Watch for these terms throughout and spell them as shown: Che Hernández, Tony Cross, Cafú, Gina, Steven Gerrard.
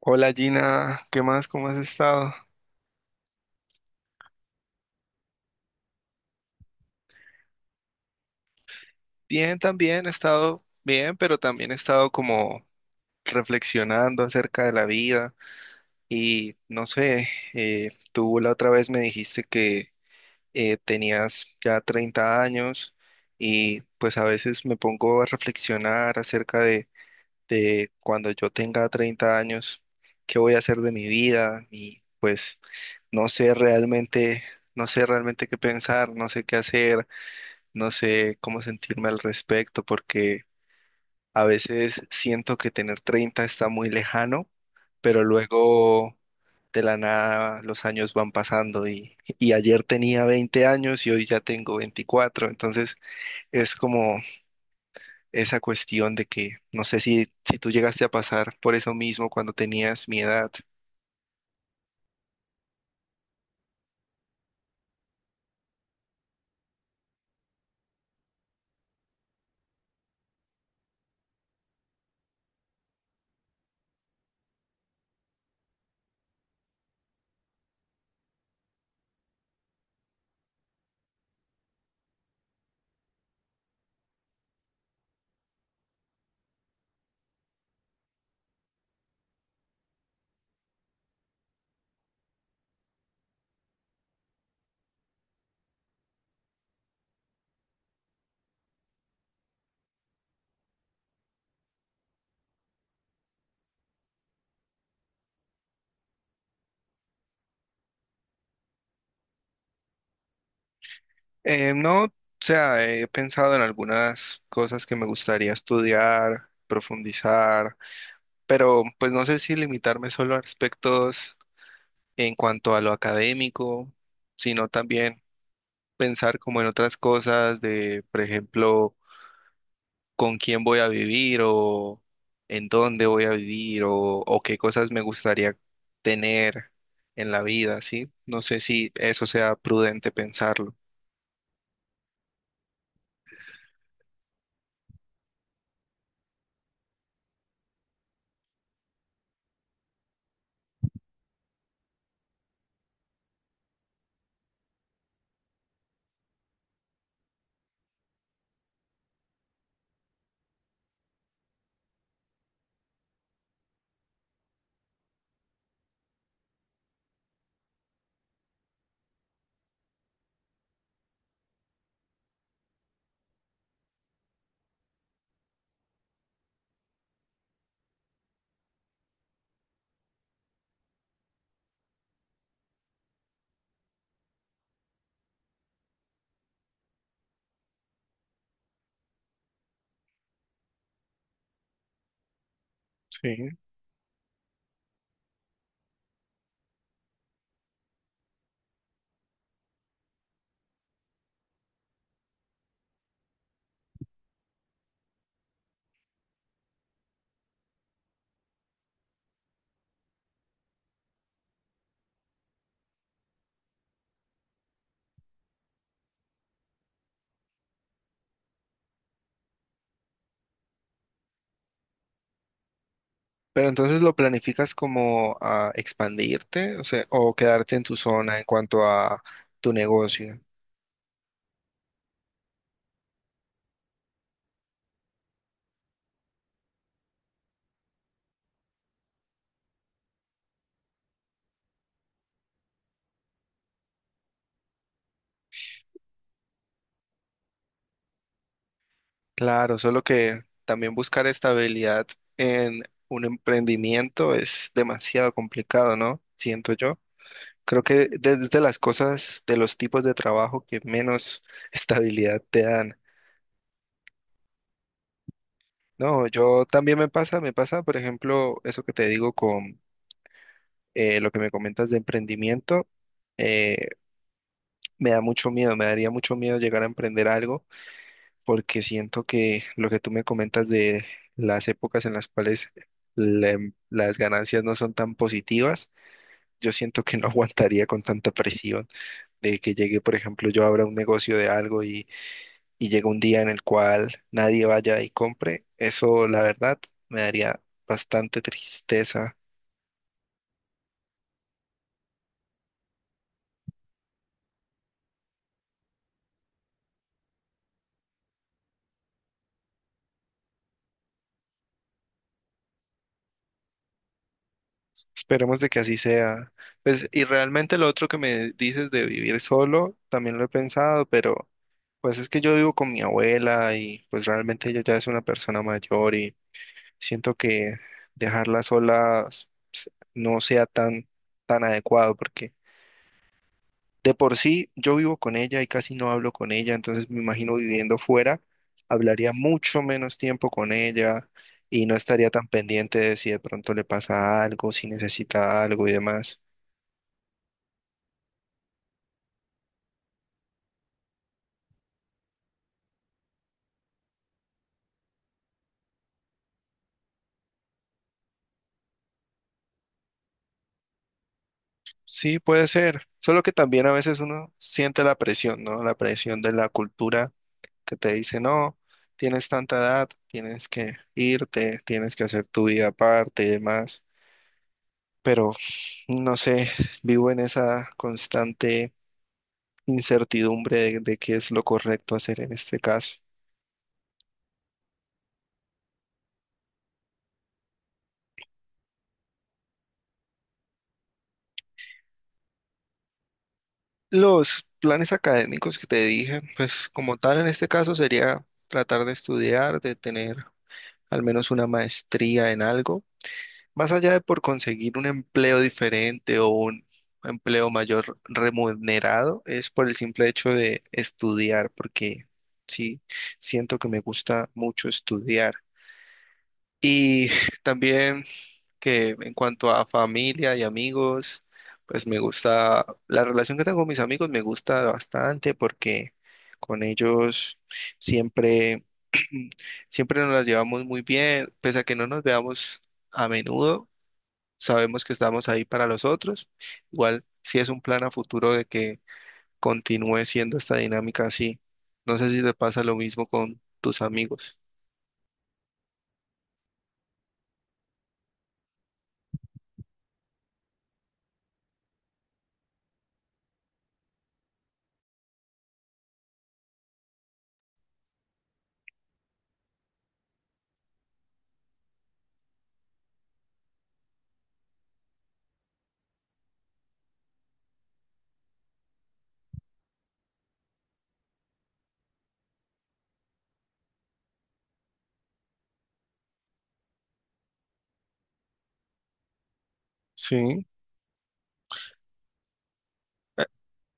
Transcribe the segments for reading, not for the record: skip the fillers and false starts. Hola Gina, ¿qué más? ¿Cómo has estado? Bien, también he estado bien, pero también he estado como reflexionando acerca de la vida y no sé, tú la otra vez me dijiste que tenías ya 30 años y pues a veces me pongo a reflexionar acerca de cuando yo tenga 30 años, qué voy a hacer de mi vida y pues no sé realmente, no sé realmente qué pensar, no sé qué hacer. No sé cómo sentirme al respecto porque a veces siento que tener 30 está muy lejano, pero luego de la nada los años van pasando y ayer tenía 20 años y hoy ya tengo 24, entonces es como esa cuestión de que no sé si tú llegaste a pasar por eso mismo cuando tenías mi edad. No, o sea, he pensado en algunas cosas que me gustaría estudiar, profundizar, pero pues no sé si limitarme solo a aspectos en cuanto a lo académico, sino también pensar como en otras cosas de, por ejemplo, con quién voy a vivir o en dónde voy a vivir o qué cosas me gustaría tener en la vida, ¿sí? No sé si eso sea prudente pensarlo. Sí. Pero entonces lo planificas como a expandirte, o sea, o quedarte en tu zona en cuanto a tu negocio. Claro, solo que también buscar estabilidad en un emprendimiento es demasiado complicado, ¿no? Siento yo. Creo que desde las cosas, de los tipos de trabajo que menos estabilidad te dan. No, yo también me pasa, por ejemplo, eso que te digo con lo que me comentas de emprendimiento, eh, me da mucho miedo, me daría mucho miedo llegar a emprender algo porque siento que lo que tú me comentas de las épocas en las cuales la- las ganancias no son tan positivas, yo siento que no aguantaría con tanta presión de que llegue, por ejemplo, yo abra un negocio de algo y llegue un día en el cual nadie vaya y compre. Eso, la verdad, me daría bastante tristeza. Esperemos de que así sea. Pues, y realmente lo otro que me dices de vivir solo, también lo he pensado, pero... Pues es que yo vivo con mi abuela y pues realmente ella ya es una persona mayor y siento que dejarla sola no sea tan, tan adecuado porque de por sí yo vivo con ella y casi no hablo con ella, entonces me imagino viviendo fuera, hablaría mucho menos tiempo con ella y no estaría tan pendiente de si de pronto le pasa algo, si necesita algo y demás. Sí, puede ser, solo que también a veces uno siente la presión, ¿no? La presión de la cultura que te dice, no, tienes tanta edad, tienes que irte, tienes que hacer tu vida aparte y demás. Pero no sé, vivo en esa constante incertidumbre de qué es lo correcto hacer en este caso. Los planes académicos que te dije, pues como tal en este caso sería tratar de estudiar, de tener al menos una maestría en algo. Más allá de por conseguir un empleo diferente o un empleo mayor remunerado, es por el simple hecho de estudiar, porque sí, siento que me gusta mucho estudiar. Y también que en cuanto a familia y amigos, pues me gusta, la relación que tengo con mis amigos me gusta bastante porque con ellos siempre, siempre nos las llevamos muy bien, pese a que no nos veamos a menudo sabemos que estamos ahí para los otros. Igual, si es un plan a futuro de que continúe siendo esta dinámica así. No sé si te pasa lo mismo con tus amigos. Sí, eh,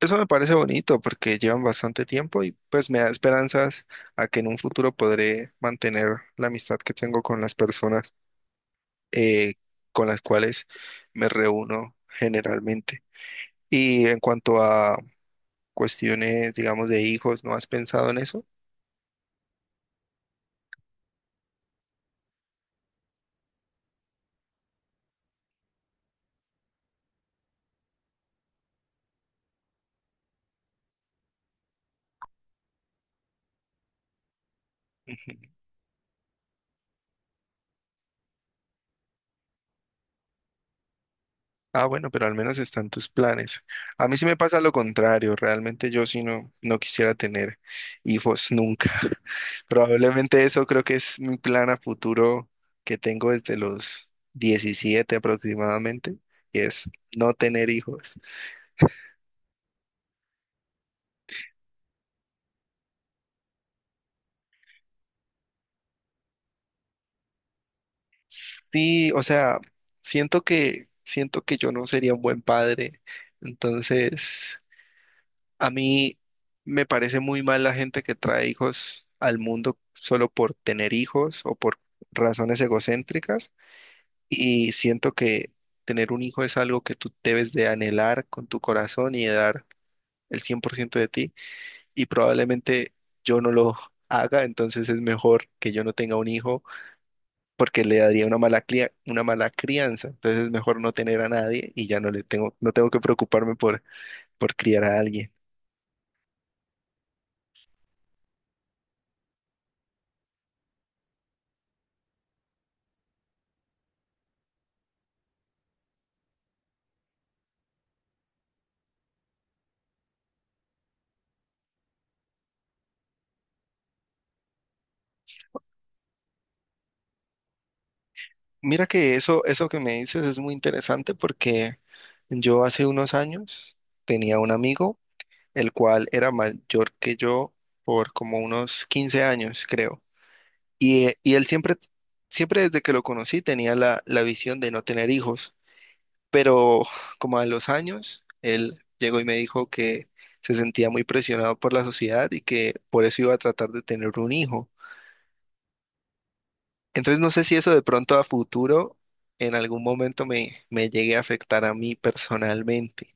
eso me parece bonito porque llevan bastante tiempo y pues me da esperanzas a que en un futuro podré mantener la amistad que tengo con las personas eh, con las cuales me reúno generalmente. Y en cuanto a cuestiones, digamos, de hijos, ¿no has pensado en eso? Ujú. Ah, bueno, pero al menos están tus planes. A mí sí me pasa lo contrario, realmente yo sí no, no quisiera tener hijos nunca. Probablemente eso creo que es mi plan a futuro que tengo desde los 17 aproximadamente, y es no tener hijos. Sí, o sea, siento que yo no sería un buen padre, entonces a mí me parece muy mal la gente que trae hijos al mundo solo por tener hijos o por razones egocéntricas y siento que tener un hijo es algo que tú debes de anhelar con tu corazón y de dar el 100% de ti y probablemente yo no lo haga, entonces es mejor que yo no tenga un hijo porque le daría una mala una mala crianza, entonces es mejor no tener a nadie y ya no le tengo no tengo que preocuparme por criar a alguien. Mira que eso que me dices es muy interesante porque yo hace unos años tenía un amigo, el cual era mayor que yo por como unos 15 años, creo. Y él siempre, siempre desde que lo conocí tenía la, la visión de no tener hijos, pero como a los años, él llegó y me dijo que se sentía muy presionado por la sociedad y que por eso iba a tratar de tener un hijo. Entonces no sé si eso de pronto a futuro en algún momento me llegue a afectar a mí personalmente.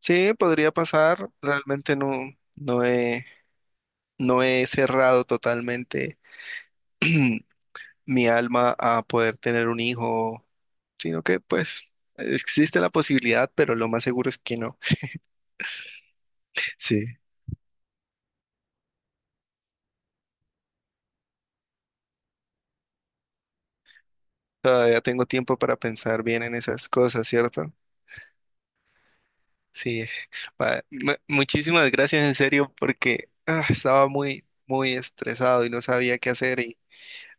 Sí, podría pasar, realmente no, no he, no he cerrado totalmente mi alma a poder tener un hijo, sino que pues existe la posibilidad, pero lo más seguro es que no. Sí, todavía tengo tiempo para pensar bien en esas cosas, ¿cierto? Sí, muchísimas gracias en serio porque ah, estaba muy, muy estresado y no sabía qué hacer y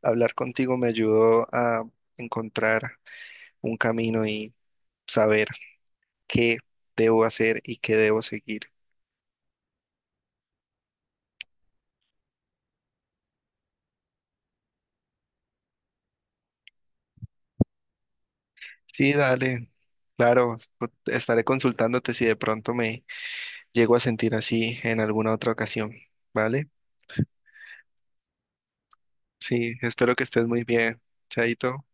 hablar contigo me ayudó a encontrar un camino y saber qué debo hacer y qué debo seguir. Sí, dale, claro, estaré consultándote si de pronto me llego a sentir así en alguna otra ocasión, ¿vale? Sí, espero que estés muy bien, Chaito.